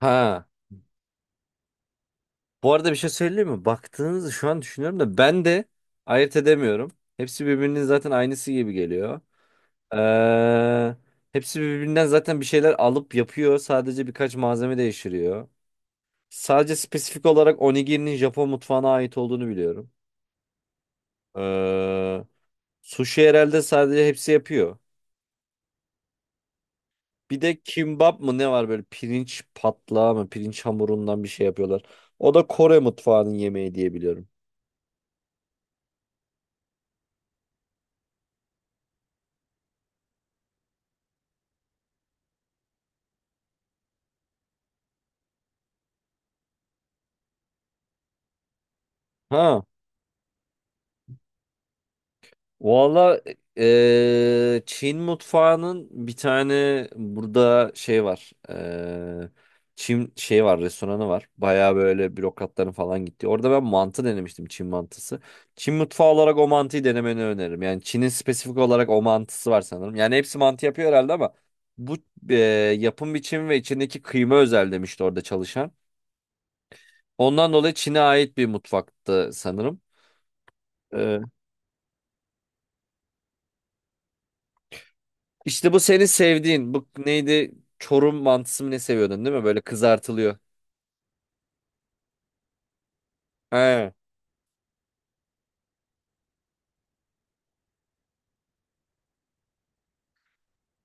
Ha. Bu arada bir şey söyleyeyim mi? Baktığınızı şu an düşünüyorum da ben de ayırt edemiyorum. Hepsi birbirinin zaten aynısı gibi geliyor. Ee, hepsi birbirinden zaten bir şeyler alıp yapıyor. Sadece birkaç malzeme değiştiriyor. Sadece spesifik olarak onigirinin Japon mutfağına ait olduğunu biliyorum. Ee, sushi herhalde sadece hepsi yapıyor. Bir de kimbap mı ne var böyle pirinç patlağı mı pirinç hamurundan bir şey yapıyorlar. O da Kore mutfağının yemeği diye biliyorum. Ha. Valla Çin mutfağının bir tane burada şey var. Çin şey var restoranı var. Baya böyle bürokratların falan gitti. Orada ben mantı denemiştim Çin mantısı. Çin mutfağı olarak o mantıyı denemeni öneririm. Yani Çin'in spesifik olarak o mantısı var sanırım. Yani hepsi mantı yapıyor herhalde ama bu eee, yapım biçimi ve içindeki kıyma özel demişti orada çalışan. Ondan dolayı Çin'e ait bir mutfaktı sanırım. İşte bu seni sevdiğin. Bu neydi? Çorum mantısı mı ne seviyordun değil mi? Böyle kızartılıyor. He.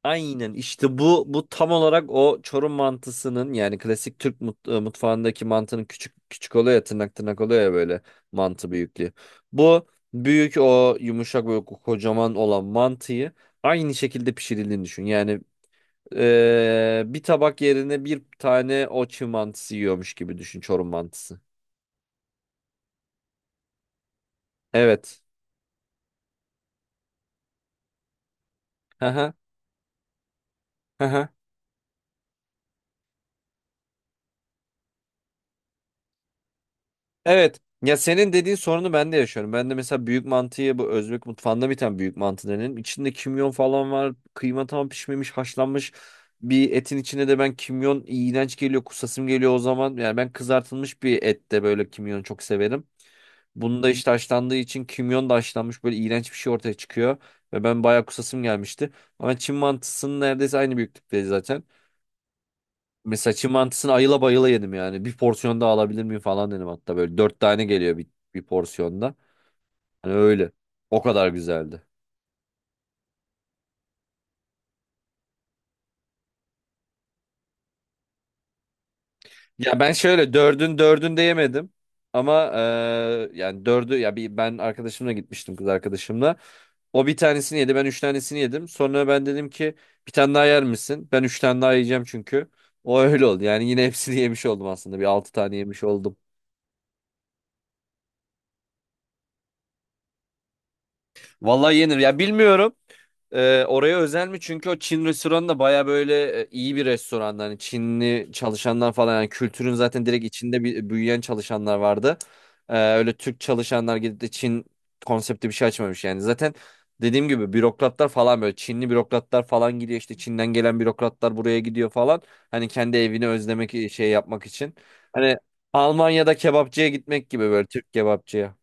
Aynen işte bu tam olarak o Çorum mantısının yani klasik Türk mutfağındaki mantının küçük küçük oluyor ya tırnak tırnak oluyor ya böyle mantı büyüklüğü. Bu büyük o yumuşak böyle kocaman olan mantıyı aynı şekilde pişirildiğini düşün. Yani bir tabak yerine bir tane o çiğ mantısı yiyormuş gibi düşün Çorum mantısı. Evet. Hı hı. Hı hı. Evet. Ya senin dediğin sorunu ben de yaşıyorum. Ben de mesela büyük mantıyı bu Özbek mutfağında bir tane büyük mantı denen. İçinde kimyon falan var. Kıyma tam pişmemiş, haşlanmış. Bir etin içine de ben kimyon iğrenç geliyor, kusasım geliyor o zaman. Yani ben kızartılmış bir ette böyle kimyonu çok severim. Bunda işte haşlandığı için kimyon da haşlanmış böyle iğrenç bir şey ortaya çıkıyor. Ve ben bayağı kusasım gelmişti. Ama Çin mantısının neredeyse aynı büyüklükte zaten. Mesela Çin mantısını ayıla bayıla yedim yani. Bir porsiyon daha alabilir miyim falan dedim hatta. Böyle dört tane geliyor bir porsiyonda. Hani öyle. O kadar güzeldi. Ya ben şöyle dördün dördün de yemedim. Ama yani dördü ya bir ben arkadaşımla gitmiştim kız arkadaşımla. O bir tanesini yedi ben üç tanesini yedim. Sonra ben dedim ki bir tane daha yer misin? Ben üç tane daha yiyeceğim çünkü. O öyle oldu. Yani yine hepsini yemiş oldum aslında. Bir altı tane yemiş oldum. Vallahi yenir. Ya bilmiyorum. Oraya özel mi? Çünkü o Çin restoranı da baya böyle iyi bir restoran. Hani Çinli çalışanlar falan. Yani kültürün zaten direkt içinde bir, büyüyen çalışanlar vardı. Öyle Türk çalışanlar gidip de Çin konsepti bir şey açmamış yani. Zaten dediğim gibi bürokratlar falan böyle Çinli bürokratlar falan gidiyor. İşte Çin'den gelen bürokratlar buraya gidiyor falan. Hani kendi evini özlemek şey yapmak için. Hani Almanya'da kebapçıya gitmek gibi böyle Türk kebapçıya.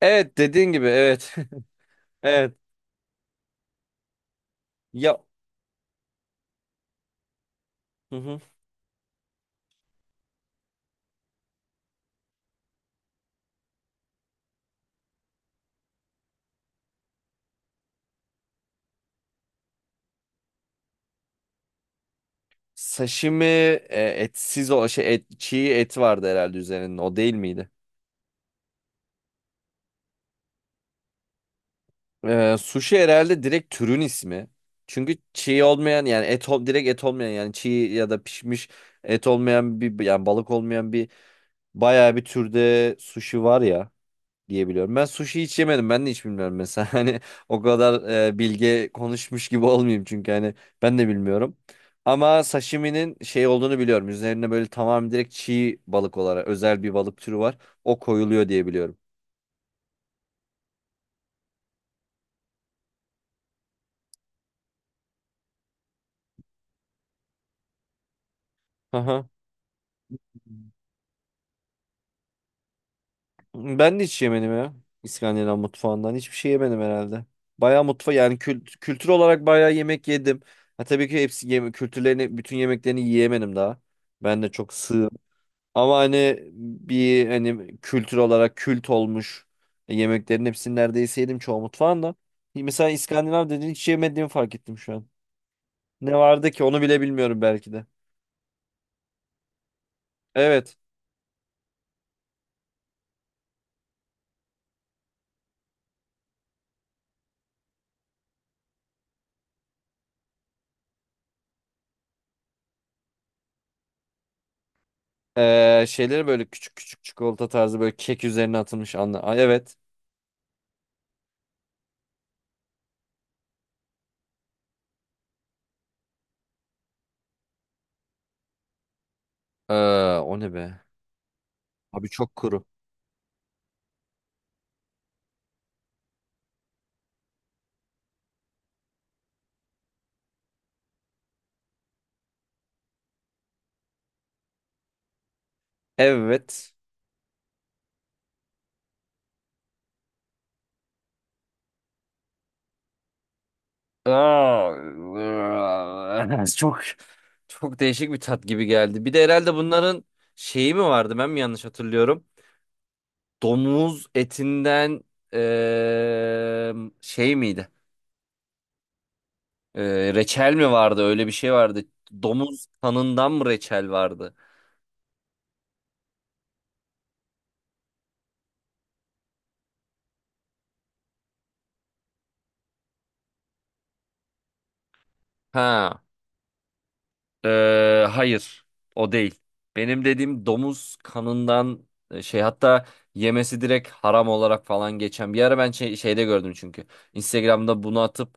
Evet dediğin gibi evet. Evet. Ya Hı hı. Sashimi etsiz o şey et, çiğ et vardı herhalde üzerinde o değil miydi? Sushi herhalde direkt türün ismi. Çünkü çiğ olmayan yani direkt et olmayan yani çiğ ya da pişmiş et olmayan bir yani balık olmayan bir bayağı bir türde sushi var ya diyebiliyorum. Ben sushi hiç yemedim. Ben de hiç bilmiyorum mesela. Hani o kadar bilge konuşmuş gibi olmayayım çünkü hani ben de bilmiyorum. Ama sashimi'nin şey olduğunu biliyorum. Üzerine böyle tamamen direkt çiğ balık olarak özel bir balık türü var. O koyuluyor diye biliyorum. Aha. Ben de hiç yemedim ya. İskandinav mutfağından hiçbir şey yemedim herhalde. Bayağı yani kültür olarak bayağı yemek yedim. Ha, tabii ki hepsi yeme kültürlerini bütün yemeklerini yiyemedim daha. Ben de çok sığ. Ama hani bir hani kültür olarak kült olmuş yemeklerin hepsini neredeyse yedim çoğu mutfağında. Mesela İskandinav dediğin hiç yemediğimi fark ettim şu an. Ne vardı ki onu bile bilmiyorum belki de. Evet. Şeyleri böyle küçük küçük çikolata tarzı böyle kek üzerine atılmış anla. Ay, evet. Ee, o ne be? Abi çok kuru. Evet. Aa, çok çok değişik bir tat gibi geldi. Bir de herhalde bunların şeyi mi vardı? Ben mi yanlış hatırlıyorum? Domuz etinden eee, şey miydi? Reçel mi vardı? Öyle bir şey vardı. Domuz kanından mı reçel vardı? Ha. Hayır. O değil. Benim dediğim domuz kanından şey, hatta yemesi direkt haram olarak falan geçen. Bir ara ben şeyde gördüm çünkü. Instagram'da bunu atıp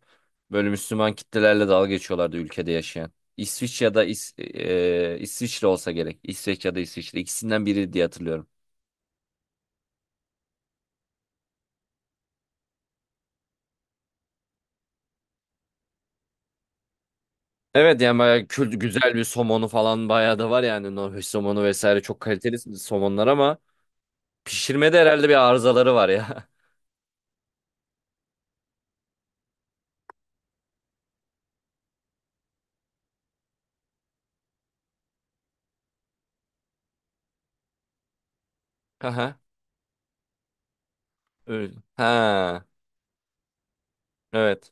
böyle Müslüman kitlelerle dalga geçiyorlardı ülkede yaşayan. Ya da İsviçre olsa gerek. İsveç ya da İsviçre ikisinden biri diye hatırlıyorum. Evet yani bayağı güzel bir somonu falan bayağı da var yani Norveç somonu vesaire çok kaliteli somonlar ama pişirmede herhalde bir arızaları var ya. Aha. Öyle. Ha. Evet.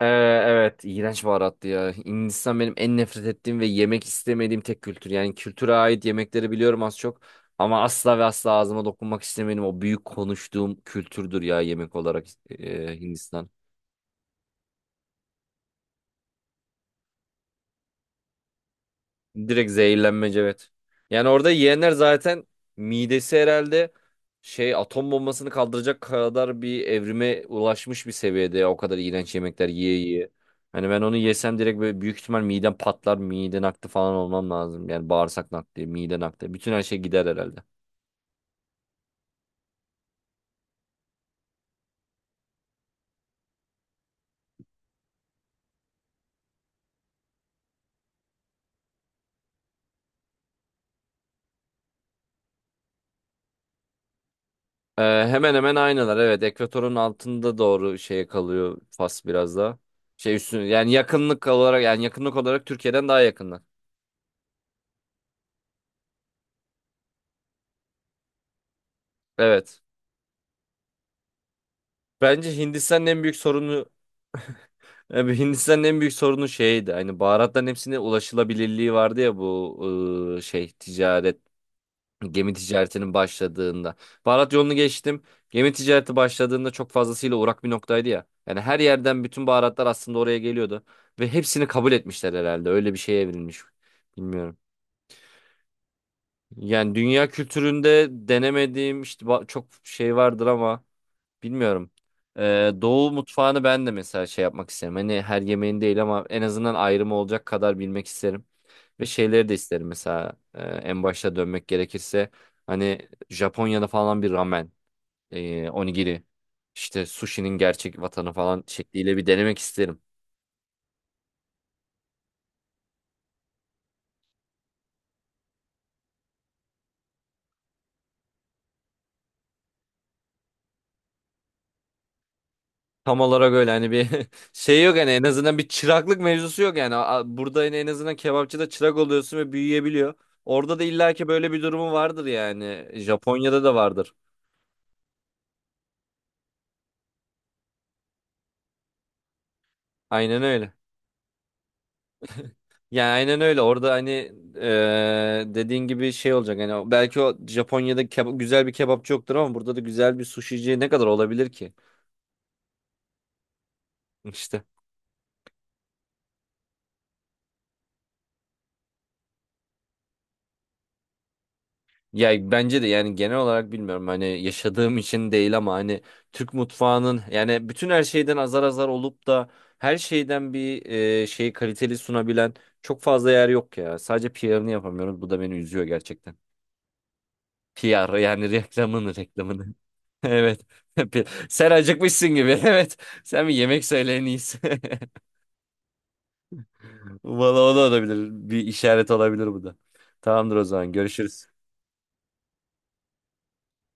Ee, evet iğrenç baharattı ya. Hindistan benim en nefret ettiğim ve yemek istemediğim tek kültür. Yani kültüre ait yemekleri biliyorum az çok ama asla ve asla ağzıma dokunmak istemediğim o büyük konuştuğum kültürdür ya yemek olarak Hindistan. Direkt zehirlenmece evet. Yani orada yiyenler zaten midesi herhalde şey atom bombasını kaldıracak kadar bir evrime ulaşmış bir seviyede ya, o kadar iğrenç yemekler yiye yiye. Hani ben onu yesem direkt böyle büyük ihtimal midem patlar, mide nakli falan olmam lazım. Yani bağırsak nakli, mide nakli, bütün her şey gider herhalde. Ee, hemen hemen aynılar evet. Ekvatorun altında doğru şeye kalıyor Fas biraz daha. Şey üstüne yani yakınlık olarak Türkiye'den daha yakınlar. Evet. Bence Hindistan'ın en büyük sorunu Abi Hindistan'ın en büyük sorunu şeydi. Hani baharatların hepsine ulaşılabilirliği vardı ya bu şey gemi ticaretinin başladığında. Baharat yolunu geçtim. Gemi ticareti başladığında çok fazlasıyla uğrak bir noktaydı ya. Yani her yerden bütün baharatlar aslında oraya geliyordu ve hepsini kabul etmişler herhalde. Öyle bir şeye evrilmiş. Bilmiyorum. Yani dünya kültüründe denemediğim işte çok şey vardır ama bilmiyorum. Doğu mutfağını ben de mesela şey yapmak isterim. Hani her yemeğin değil ama en azından ayrımı olacak kadar bilmek isterim. Ve şeyleri de isterim mesela en başta dönmek gerekirse hani Japonya'da falan bir ramen, onigiri, işte sushi'nin gerçek vatanı falan şekliyle bir denemek isterim. Tam olarak öyle hani bir şey yok yani en azından bir çıraklık mevzusu yok yani. Burada yine en azından kebapçıda çırak oluyorsun ve büyüyebiliyor. Orada da illaki böyle bir durumu vardır yani. Japonya'da da vardır. Aynen öyle. Yani aynen öyle. Orada hani dediğin gibi şey olacak. Hani belki o Japonya'da güzel bir kebapçı yoktur ama burada da güzel bir suşici ne kadar olabilir ki? İşte. Ya bence de yani genel olarak bilmiyorum hani yaşadığım için değil ama hani Türk mutfağının yani bütün her şeyden azar azar olup da her şeyden bir şeyi kaliteli sunabilen çok fazla yer yok ya. Sadece PR'ını yapamıyoruz. Bu da beni üzüyor gerçekten. PR yani reklamını. Evet. Sen acıkmışsın gibi. Evet. Sen bir yemek söyle en iyisi. Valla o da olabilir. Bir işaret olabilir bu da. Tamamdır o zaman. Görüşürüz.